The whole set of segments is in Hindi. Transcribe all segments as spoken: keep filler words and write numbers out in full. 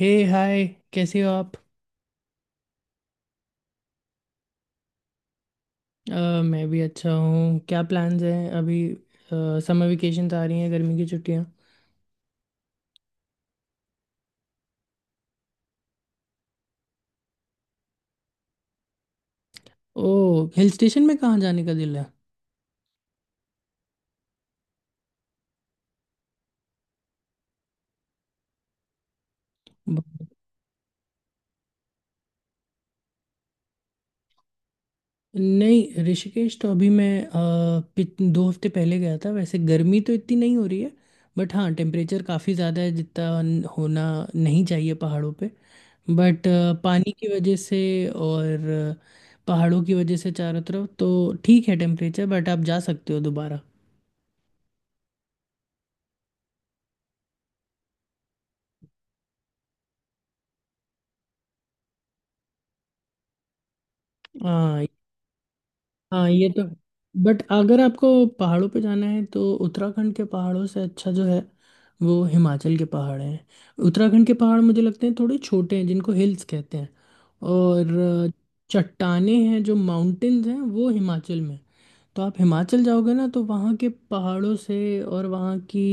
हे हाय। कैसे हो आप? अ, मैं भी अच्छा हूँ। क्या प्लान्स हैं अभी? समर वेकेशन आ रही हैं, गर्मी की छुट्टियाँ। ओह, हिल स्टेशन में कहाँ जाने का दिल है? ब- नहीं, ऋषिकेश तो अभी मैं अ, पिछ- दो हफ्ते पहले गया था। वैसे गर्मी तो इतनी नहीं हो रही है। बट हाँ, टेम्परेचर काफ़ी ज़्यादा है जितना न- होना नहीं चाहिए पहाड़ों पे। बट अ, पानी की वजह से और अ, पहाड़ों की वजह से चारों तरफ तो ठीक है टेम्परेचर। बट आप जा सकते हो दोबारा। हाँ। हाँ, ये तो। बट अगर आपको पहाड़ों पे जाना है तो उत्तराखंड के पहाड़ों से अच्छा जो है वो हिमाचल के पहाड़ हैं। उत्तराखंड के पहाड़ मुझे लगते हैं थोड़े छोटे हैं, जिनको हिल्स कहते हैं। और अ, चट्टानें हैं जो माउंटेन्स हैं वो हिमाचल में हैं। तो आप हिमाचल जाओगे ना तो वहाँ के पहाड़ों से और वहाँ की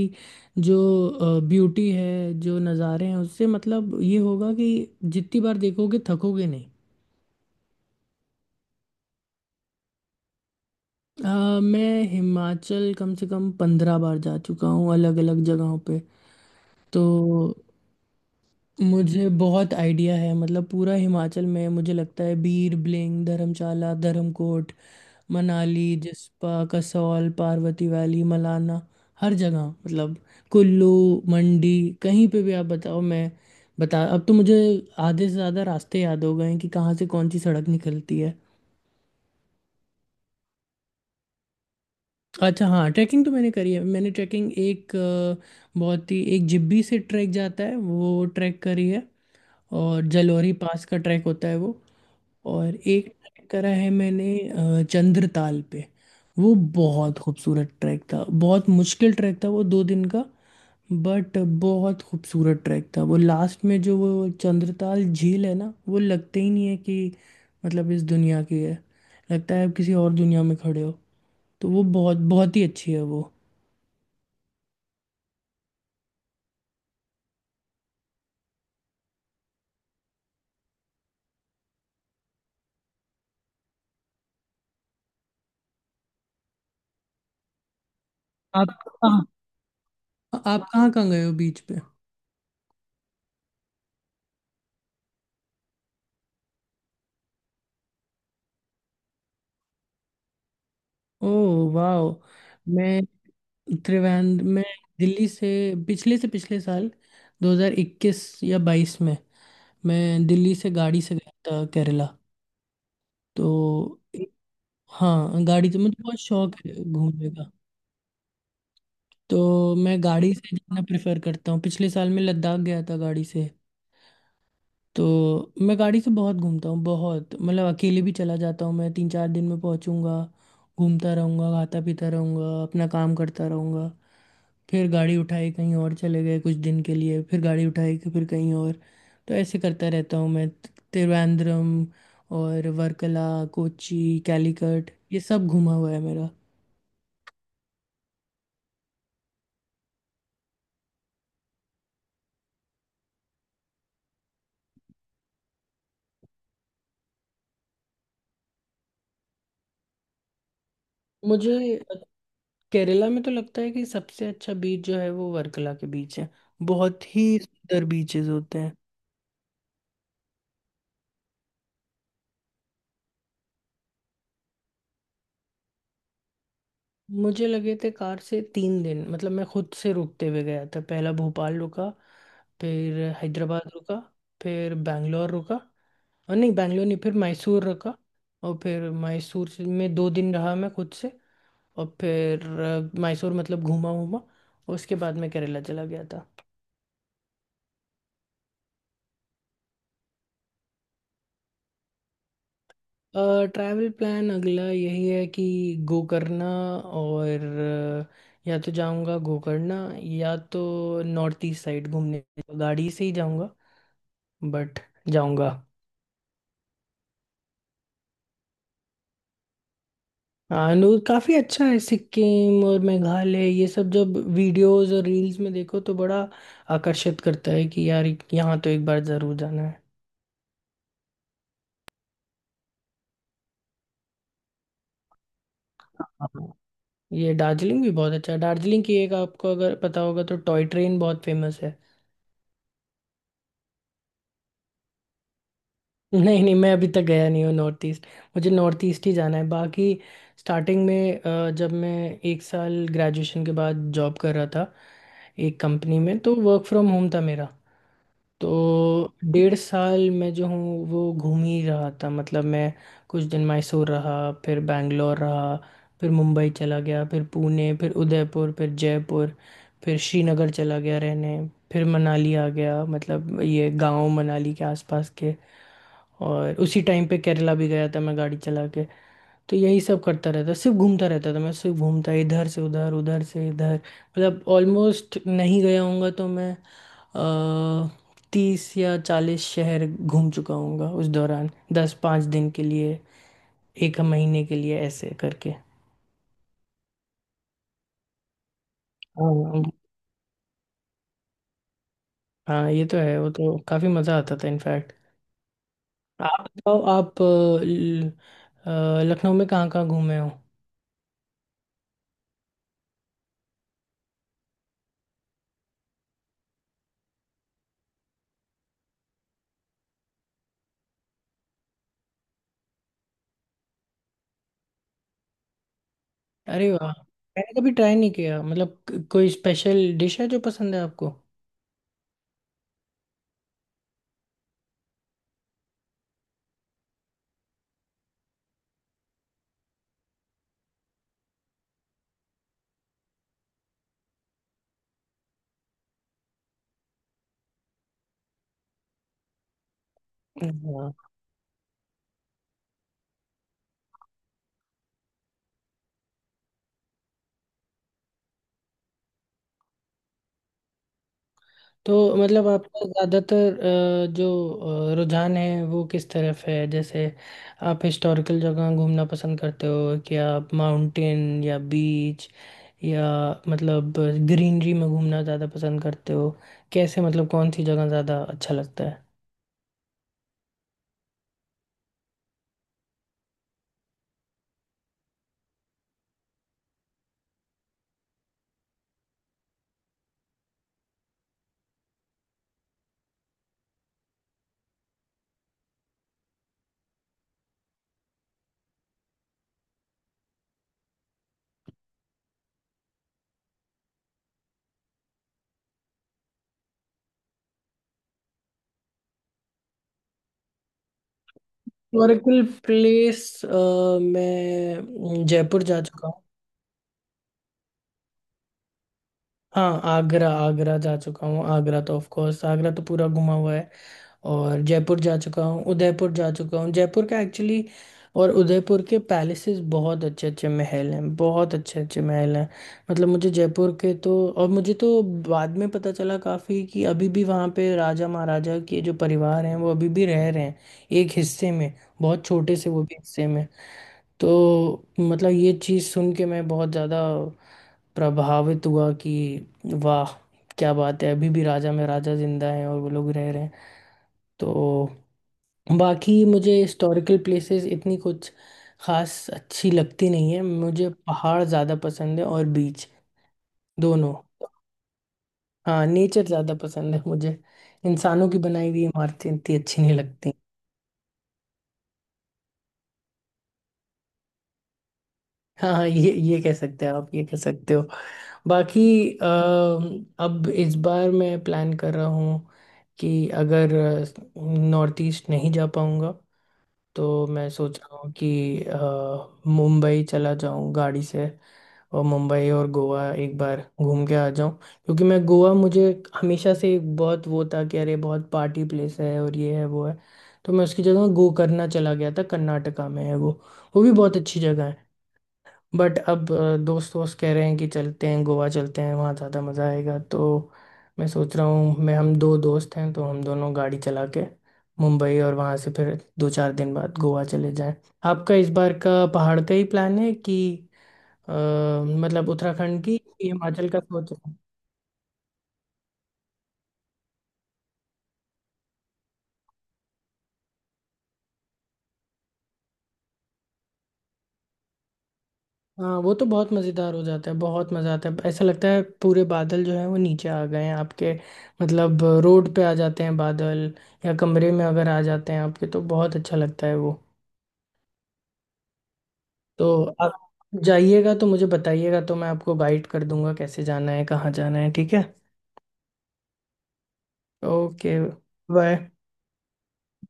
जो ब्यूटी है, जो नज़ारे हैं, उससे मतलब ये होगा कि जितनी बार देखोगे थकोगे। अ, मैं हिमाचल कम से कम पंद्रह बार जा चुका हूँ अलग अलग जगहों पे। तो मुझे बहुत आइडिया है मतलब पूरा हिमाचल में। मुझे लगता है बीर बिलिंग, धर्मशाला, धर्मकोट, मनाली, जिस्पा, कसौल, पार्वती वैली, मलाना, हर जगह मतलब। कुल्लू, मंडी, कहीं पे भी आप बताओ। मैं बता, अब तो मुझे आधे से ज़्यादा रास्ते याद हो गए हैं कि कहाँ से कौन सी सड़क निकलती है। अच्छा हाँ, ट्रैकिंग तो मैंने करी है। मैंने ट्रैकिंग एक अ, बहुत ही एक, जिब्बी से ट्रैक जाता है वो ट्रैक करी है। और जलोरी पास का ट्रैक होता है वो। और एक ट्रैक करा है मैंने अ, चंद्रताल पे। वो बहुत खूबसूरत ट्रैक था, बहुत मुश्किल ट्रैक था वो, दो दिन का। बट बहुत खूबसूरत ट्रैक था वो। लास्ट में जो वो चंद्रताल झील है ना, वो लगते ही नहीं है कि मतलब इस दुनिया की है। लगता है आप किसी और दुनिया में खड़े हो। तो वो बहुत बहुत ही अच्छी है वो। आ- आप कहाँ कहाँ गए हो बीच पे? ओह वाह। मैं त्रिवेंद्र, मैं दिल्ली से, पिछले से पिछले साल दो हज़ार इक्कीस या बाईस में, मैं दिल्ली से गाड़ी से गया था केरला। तो हाँ, गाड़ी तो मुझे बहुत शौक है घूमने। तो मैं गाड़ी से जाना प्रेफर करता हूँ। पिछले साल मैं लद्दाख गया था गाड़ी से। तो मैं गाड़ी से बहुत घूमता हूँ, बहुत, मतलब अकेले भी चला जाता हूँ। मैं तीन चार दिन में पहुँचूंगा, घूमता रहूँगा, खाता पीता रहूँगा, अपना काम करता रहूँगा, फिर गाड़ी उठाई कहीं और चले गए कुछ दिन के लिए, फिर गाड़ी उठाई कि फिर कहीं और। तो ऐसे करता रहता हूँ मैं। त्रिवेंद्रम और वर्कला, कोची, कैलीकट ये सब घूमा हुआ है मेरा। मुझे केरला में तो लगता है कि सबसे अच्छा बीच जो है वो वर्कला के बीच है। बहुत ही सुंदर बीचेस होते हैं। मुझे लगे थे कार से तीन दिन। मतलब मैं खुद से रुकते हुए गया था। पहला भोपाल रुका, फिर हैदराबाद रुका, फिर बैंगलोर रुका और नहीं, बैंगलोर नहीं, फिर मैसूर रुका। और फिर मैसूर से- में दो दिन रहा मैं खुद से। और फिर अ, मैसूर मतलब घूमा घूमा। उसके बाद मैं केरला चला गया था। ट्रैवल प्लान अगला यही है कि गोकर्णा और अ, या तो जाऊंगा गोकर्णा या तो नॉर्थ ईस्ट साइड घूमने। गाड़ी से ही जाऊंगा बट जाऊंगा। अनुर काफ़ी अच्छा है सिक्किम और मेघालय। ये सब जब वीडियोस और रील्स में देखो तो बड़ा आकर्षित करता है कि यार यहाँ तो एक बार ज़रूर जाना है। हाँ, ये दार्जिलिंग भी बहुत अच्छा है। दार्जिलिंग की एक, आपको अगर पता होगा तो, टॉय ट्रेन बहुत फेमस है। नहीं नहीं, मैं अभी तक गया नहीं हूँ नॉर्थ ईस्ट। मुझे नॉर्थ ईस्ट ही जाना है बाकी। स्टार्टिंग में अ, जब मैं एक साल ग्रेजुएशन के बाद जॉब कर रहा था एक कंपनी में, तो वर्क फ्रॉम होम था मेरा। तो डेढ़ साल मैं जो हूँ वो घूम ही रहा था। मतलब मैं कुछ दिन मैसूर रहा, फिर बैंगलोर रहा, फिर मुंबई चला गया, फिर पुणे, फिर उदयपुर, फिर जयपुर, फिर श्रीनगर चला गया रहने, फिर मनाली आ गया, मतलब ये गांव मनाली के आसपास के। और उसी टाइम पे केरला भी गया था मैं गाड़ी चला के। तो यही सब करता रहता, सिर्फ घूमता रहता था मैं, सिर्फ घूमता इधर से उधर, उधर से इधर। मतलब ऑलमोस्ट नहीं गया होऊंगा तो मैं तीस या चालीस शहर घूम चुका हूँगा उस दौरान, दस पाँच दिन के लिए, एक महीने के लिए, ऐसे करके। हाँ, हाँ ये तो है, वो तो काफी मजा आता था इनफैक्ट। आप बताओ आप अ, ल- अ, लखनऊ में कहाँ कहाँ घूमे हो? अरे वाह, मैंने कभी ट्राई नहीं किया। मतलब क- कोई स्पेशल डिश है जो पसंद है आपको? हाँ। तो मतलब आपका ज़्यादातर अ, जो अ, रुझान है वो किस तरफ है? जैसे आप हिस्टोरिकल जगह घूमना पसंद करते हो कि आप माउंटेन या बीच, या मतलब ग्रीनरी में घूमना ज़्यादा पसंद करते हो? कैसे, मतलब कौन सी जगह ज़्यादा अच्छा लगता है? हिस्टोरिकल प्लेस मैं जयपुर जा चुका हूँ। हाँ आगरा, आगरा जा चुका हूँ। आगरा तो ऑफ कोर्स, आगरा तो पूरा घुमा हुआ है। और जयपुर जा चुका हूँ, उदयपुर जा चुका हूँ। जयपुर का एक्चुअली और उदयपुर के पैलेसेस, बहुत अच्छे अच्छे महल हैं, बहुत अच्छे अच्छे महल हैं। मतलब मुझे जयपुर के तो, और मुझे तो बाद में पता चला काफ़ी कि अभी भी वहाँ पे राजा महाराजा के जो परिवार हैं वो अभी भी रह रहे हैं एक हिस्से में, बहुत छोटे से वो भी हिस्से में। तो मतलब ये चीज़ सुन के मैं बहुत ज़्यादा प्रभावित हुआ कि वाह, क्या बात है, अभी भी राजा में राजा जिंदा हैं और वो लोग रह रहे हैं। तो बाकी मुझे हिस्टोरिकल प्लेसेस इतनी कुछ खास अच्छी लगती नहीं है। मुझे पहाड़ ज़्यादा पसंद है और बीच, दोनों। हाँ, नेचर ज़्यादा पसंद है मुझे। इंसानों की बनाई हुई इमारतें इतनी अच्छी नहीं लगती। हाँ हाँ, ये ये कह सकते हैं आप, ये कह सकते हो। बाकी अ, अब इस बार मैं प्लान कर रहा हूँ कि अगर नॉर्थ ईस्ट नहीं जा पाऊँगा तो मैं सोच रहा हूँ कि अ, मुंबई चला जाऊँ गाड़ी से। और मुंबई और गोवा एक बार घूम के आ जाऊं, क्योंकि मैं गोवा मुझे हमेशा से एक बहुत वो था कि अरे बहुत पार्टी प्लेस है और ये है वो है। तो मैं उसकी जगह गो करना चला गया था, कर्नाटका में है वो। वो भी बहुत अच्छी जगह है। बट अब अ, दोस्त वोस्त कह रहे हैं कि चलते हैं गोवा, चलते हैं वहाँ ज़्यादा मज़ा आएगा। तो मैं सोच रहा हूँ मैं, हम दो दोस्त हैं तो हम दोनों गाड़ी चला के मुंबई और वहाँ से फिर दो चार दिन बाद गोवा चले जाएं। आपका इस बार का पहाड़ का ही प्लान है कि अ, मतलब उत्तराखंड की कि हिमाचल का सोच रहा हूँ। हाँ, वो तो बहुत मज़ेदार हो जाता है, बहुत मज़ा आता है। ऐसा लगता है पूरे बादल जो है वो नीचे आ गए हैं आपके, मतलब रोड पे आ जाते हैं बादल। या कमरे में अगर आ जाते हैं आपके तो बहुत अच्छा लगता है वो। तो आप जाइएगा तो मुझे बताइएगा, तो मैं आपको गाइड कर दूंगा कैसे जाना है, कहाँ जाना है। ठीक है। Okay, bye.